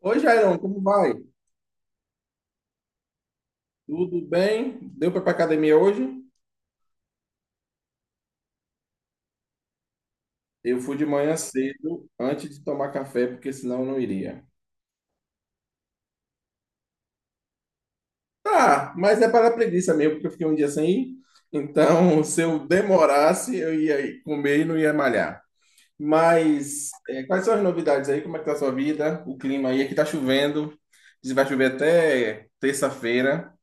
Oi, Jairon, como vai? Tudo bem? Deu para ir para academia hoje? Eu fui de manhã cedo, antes de tomar café, porque senão eu não iria. Tá, mas é para preguiça mesmo, porque eu fiquei um dia sem ir. Então, se eu demorasse, eu ia comer e não ia malhar. Quais são as novidades aí? Como é que tá a sua vida? O clima aí? Aqui tá chovendo. Diz que vai chover até terça-feira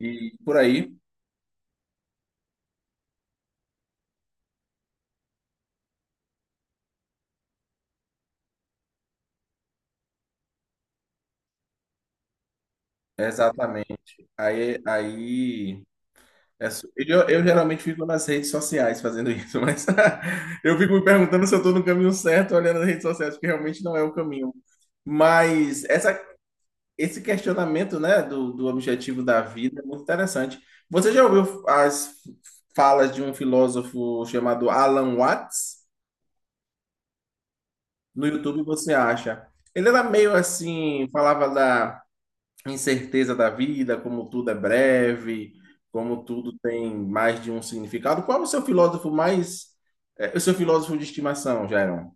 e por aí. Exatamente. Aí, aí eu geralmente fico nas redes sociais fazendo isso, mas eu fico me perguntando se eu estou no caminho certo olhando as redes sociais, porque realmente não é o caminho. Mas essa, Esse questionamento, né, do objetivo da vida é muito interessante. Você já ouviu as falas de um filósofo chamado Alan Watts? No YouTube você acha. Ele era meio assim, falava da incerteza da vida, como tudo é breve, como tudo tem mais de um significado. Qual é o seu filósofo mais, é, o seu filósofo de estimação, Jairo?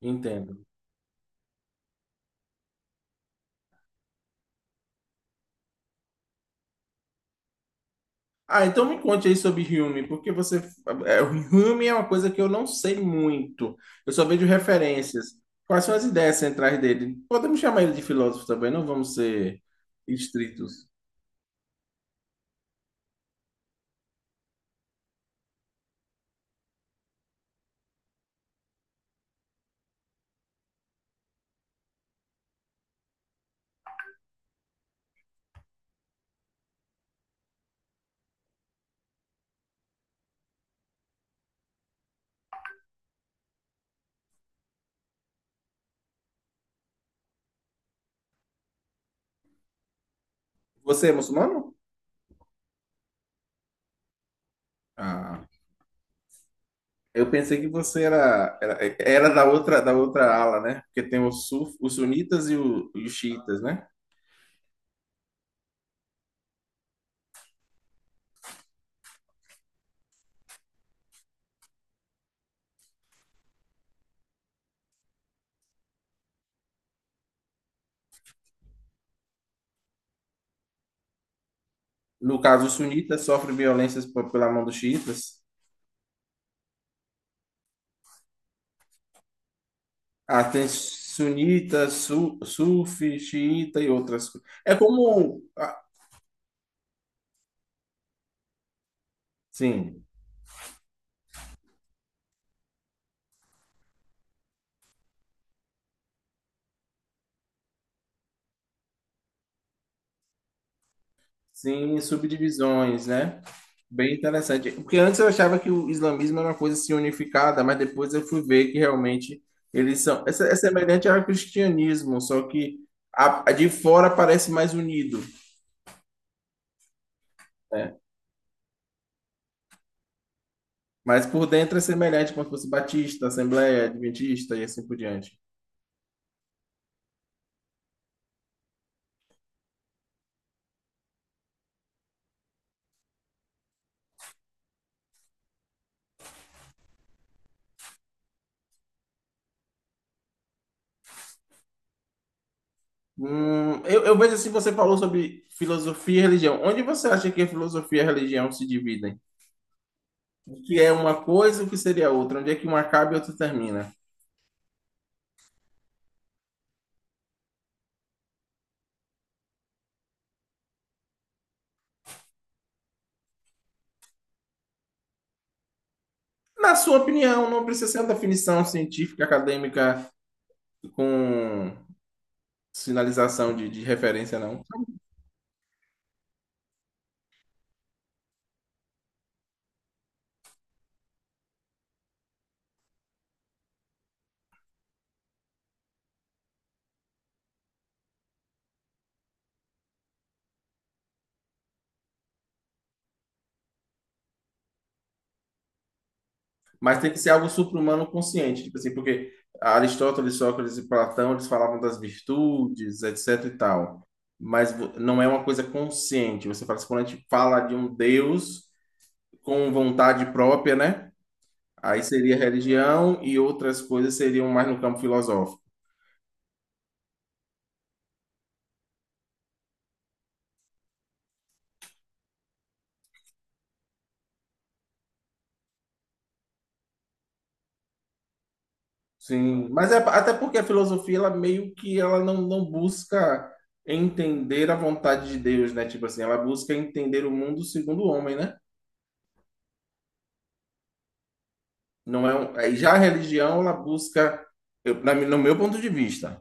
Entendo. Ah, então me conte aí sobre Hume, o Hume é uma coisa que eu não sei muito. Eu só vejo referências. Quais são as ideias centrais dele? Podemos chamar ele de filósofo também, não vamos ser estritos. Você é muçulmano? Ah. Eu pensei que você era da outra ala, né? Porque tem os sunitas e, e os xiitas, né? No caso, os sunitas sofrem violências pela mão dos xiitas. Ah, tem sunita, sufi, xiita e outras. Sim. Sim, subdivisões, né? Bem interessante. Porque antes eu achava que o islamismo era uma coisa assim unificada, mas depois eu fui ver que realmente eles são. É semelhante ao cristianismo, só que a de fora parece mais unido, né? Mas por dentro é semelhante, como se fosse batista, assembleia, adventista e assim por diante. Eu vejo assim, você falou sobre filosofia e religião. Onde você acha que a filosofia e a religião se dividem? O que é uma coisa e o que seria outra? Onde é que uma acaba e outra termina? Na sua opinião, não precisa ser uma definição científica, acadêmica, com sinalização de referência, não. Mas tem que ser algo supra-humano consciente, tipo assim, porque Aristóteles, Sócrates e Platão, eles falavam das virtudes, etc e tal. Mas não é uma coisa consciente. Você fala, assim, quando a gente fala de um Deus com vontade própria, né? Aí seria religião e outras coisas seriam mais no campo filosófico. Sim, mas é até porque a filosofia ela meio que ela não busca entender a vontade de Deus, né? Tipo assim, ela busca entender o mundo segundo o homem, né? Não é um, aí já a religião ela busca, no meu ponto de vista,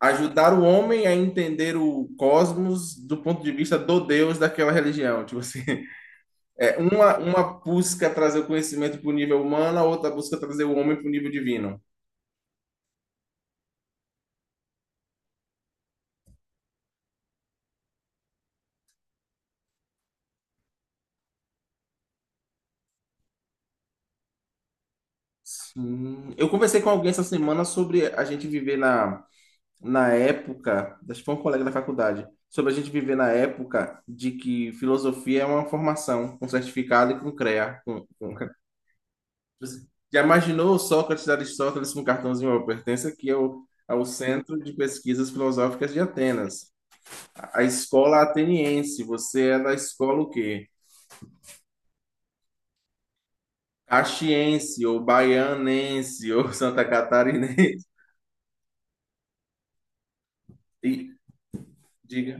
ajudar o homem a entender o cosmos do ponto de vista do Deus daquela religião. Tipo assim, é uma busca trazer o conhecimento para o nível humano, a outra busca trazer o homem para o nível divino. Sim. Eu conversei com alguém essa semana sobre a gente viver na época, acho que foi um colega da faculdade, sobre a gente viver na época de que filosofia é uma formação, com certificado e com CREA. Com... Já imaginou o Sócrates e Aristóteles com um cartãozinho: "Eu pertenço aqui ao, ao Centro de Pesquisas Filosóficas de Atenas, a escola ateniense, você é da escola o quê? Caxiense, ou baianense, ou santa catarinense." E, diga.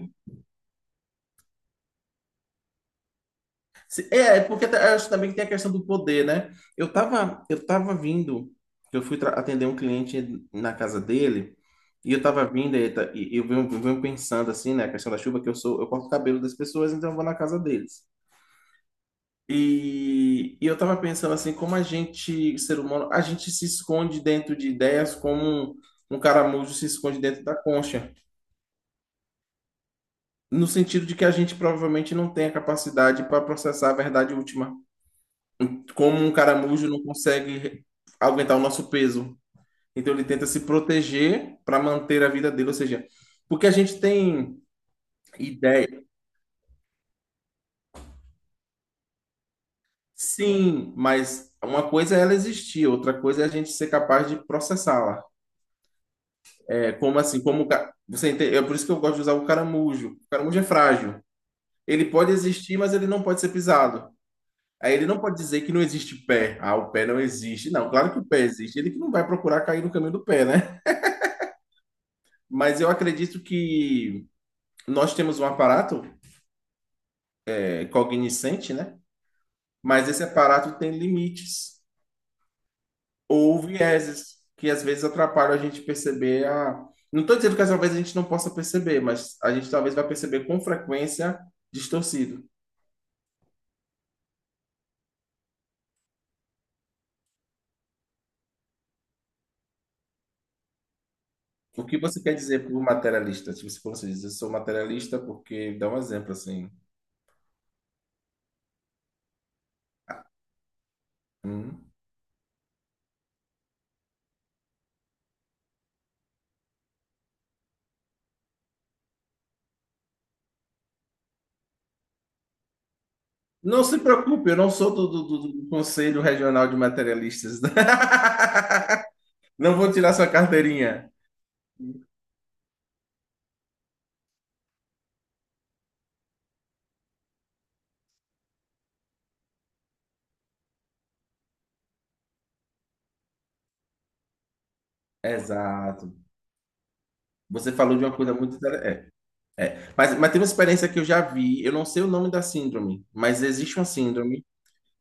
É, é porque eu acho também que tem a questão do poder, né? Eu fui atender um cliente na casa dele, e eu tava vindo, eu venho pensando assim, né? A questão da chuva, que eu sou, eu corto o cabelo das pessoas, então eu vou na casa deles. E eu tava pensando assim, como a gente, ser humano, a gente se esconde dentro de ideias como um um caramujo se esconde dentro da concha, no sentido de que a gente provavelmente não tem a capacidade para processar a verdade última. Como um caramujo não consegue aguentar o nosso peso. Então ele tenta se proteger para manter a vida dele, ou seja, porque a gente tem ideia. Sim, mas uma coisa é ela existir, outra coisa é a gente ser capaz de processá-la. É como assim, como o você entende? É por isso que eu gosto de usar o caramujo. O caramujo é frágil. Ele pode existir, mas ele não pode ser pisado. Aí ele não pode dizer que não existe pé. Ah, o pé não existe. Não, claro que o pé existe. Ele que não vai procurar cair no caminho do pé, né? Mas eu acredito que nós temos um aparato cognoscente, né? Mas esse aparato tem limites ou vieses que às vezes atrapalham a gente perceber a. Não estou dizendo que às vezes a gente não possa perceber, mas a gente talvez vai perceber com frequência distorcido. O que você quer dizer por materialista? Tipo, se você diz, eu sou materialista porque... Dá um exemplo, assim. Hum. Não se preocupe, eu não sou do Conselho Regional de Materialistas. Não vou tirar sua carteirinha. Exato. Você falou de uma coisa muito interessante. É, é. Mas tem uma experiência que eu já vi, eu não sei o nome da síndrome, mas existe uma síndrome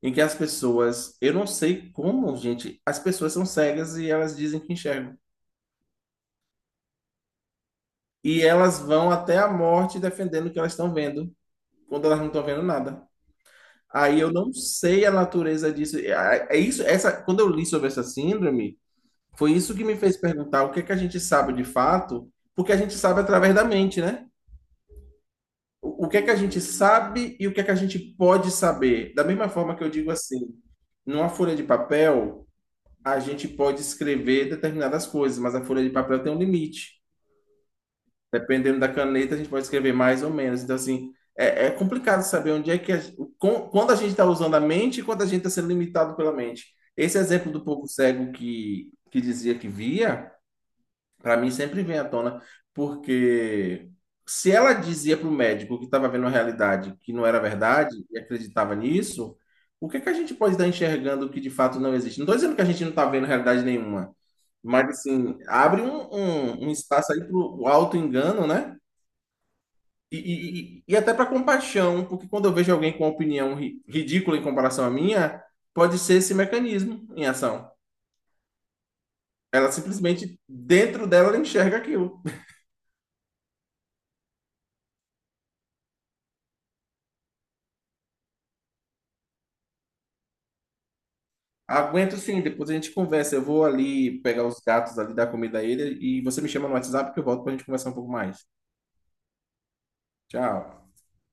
em que as pessoas, eu não sei como, gente, as pessoas são cegas e elas dizem que enxergam. E elas vão até a morte defendendo o que elas estão vendo, quando elas não estão vendo nada. Aí eu não sei a natureza disso. Quando eu li sobre essa síndrome, foi isso que me fez perguntar o que é que a gente sabe de fato, porque a gente sabe através da mente, né? O que é que a gente sabe e o que é que a gente pode saber. Da mesma forma que eu digo assim, numa folha de papel, a gente pode escrever determinadas coisas, mas a folha de papel tem um limite. Dependendo da caneta, a gente pode escrever mais ou menos. Então, assim, é, é complicado saber onde é que a, quando a gente está usando a mente e quando a gente está sendo limitado pela mente. Esse exemplo do povo cego que dizia que via para mim sempre vem à tona, porque se ela dizia para o médico que estava vendo a realidade que não era verdade e acreditava nisso, o que é que a gente pode estar enxergando que de fato não existe? Não estou dizendo que a gente não está vendo realidade nenhuma, mas assim, abre um espaço aí para o auto-engano, né? E até para compaixão, porque quando eu vejo alguém com uma opinião ridícula em comparação à minha, pode ser esse mecanismo em ação. Ela simplesmente, dentro dela, ela enxerga aquilo. Aguento sim, depois a gente conversa. Eu vou ali pegar os gatos ali, dar comida a ele e você me chama no WhatsApp que eu volto pra gente conversar um pouco mais. Tchau.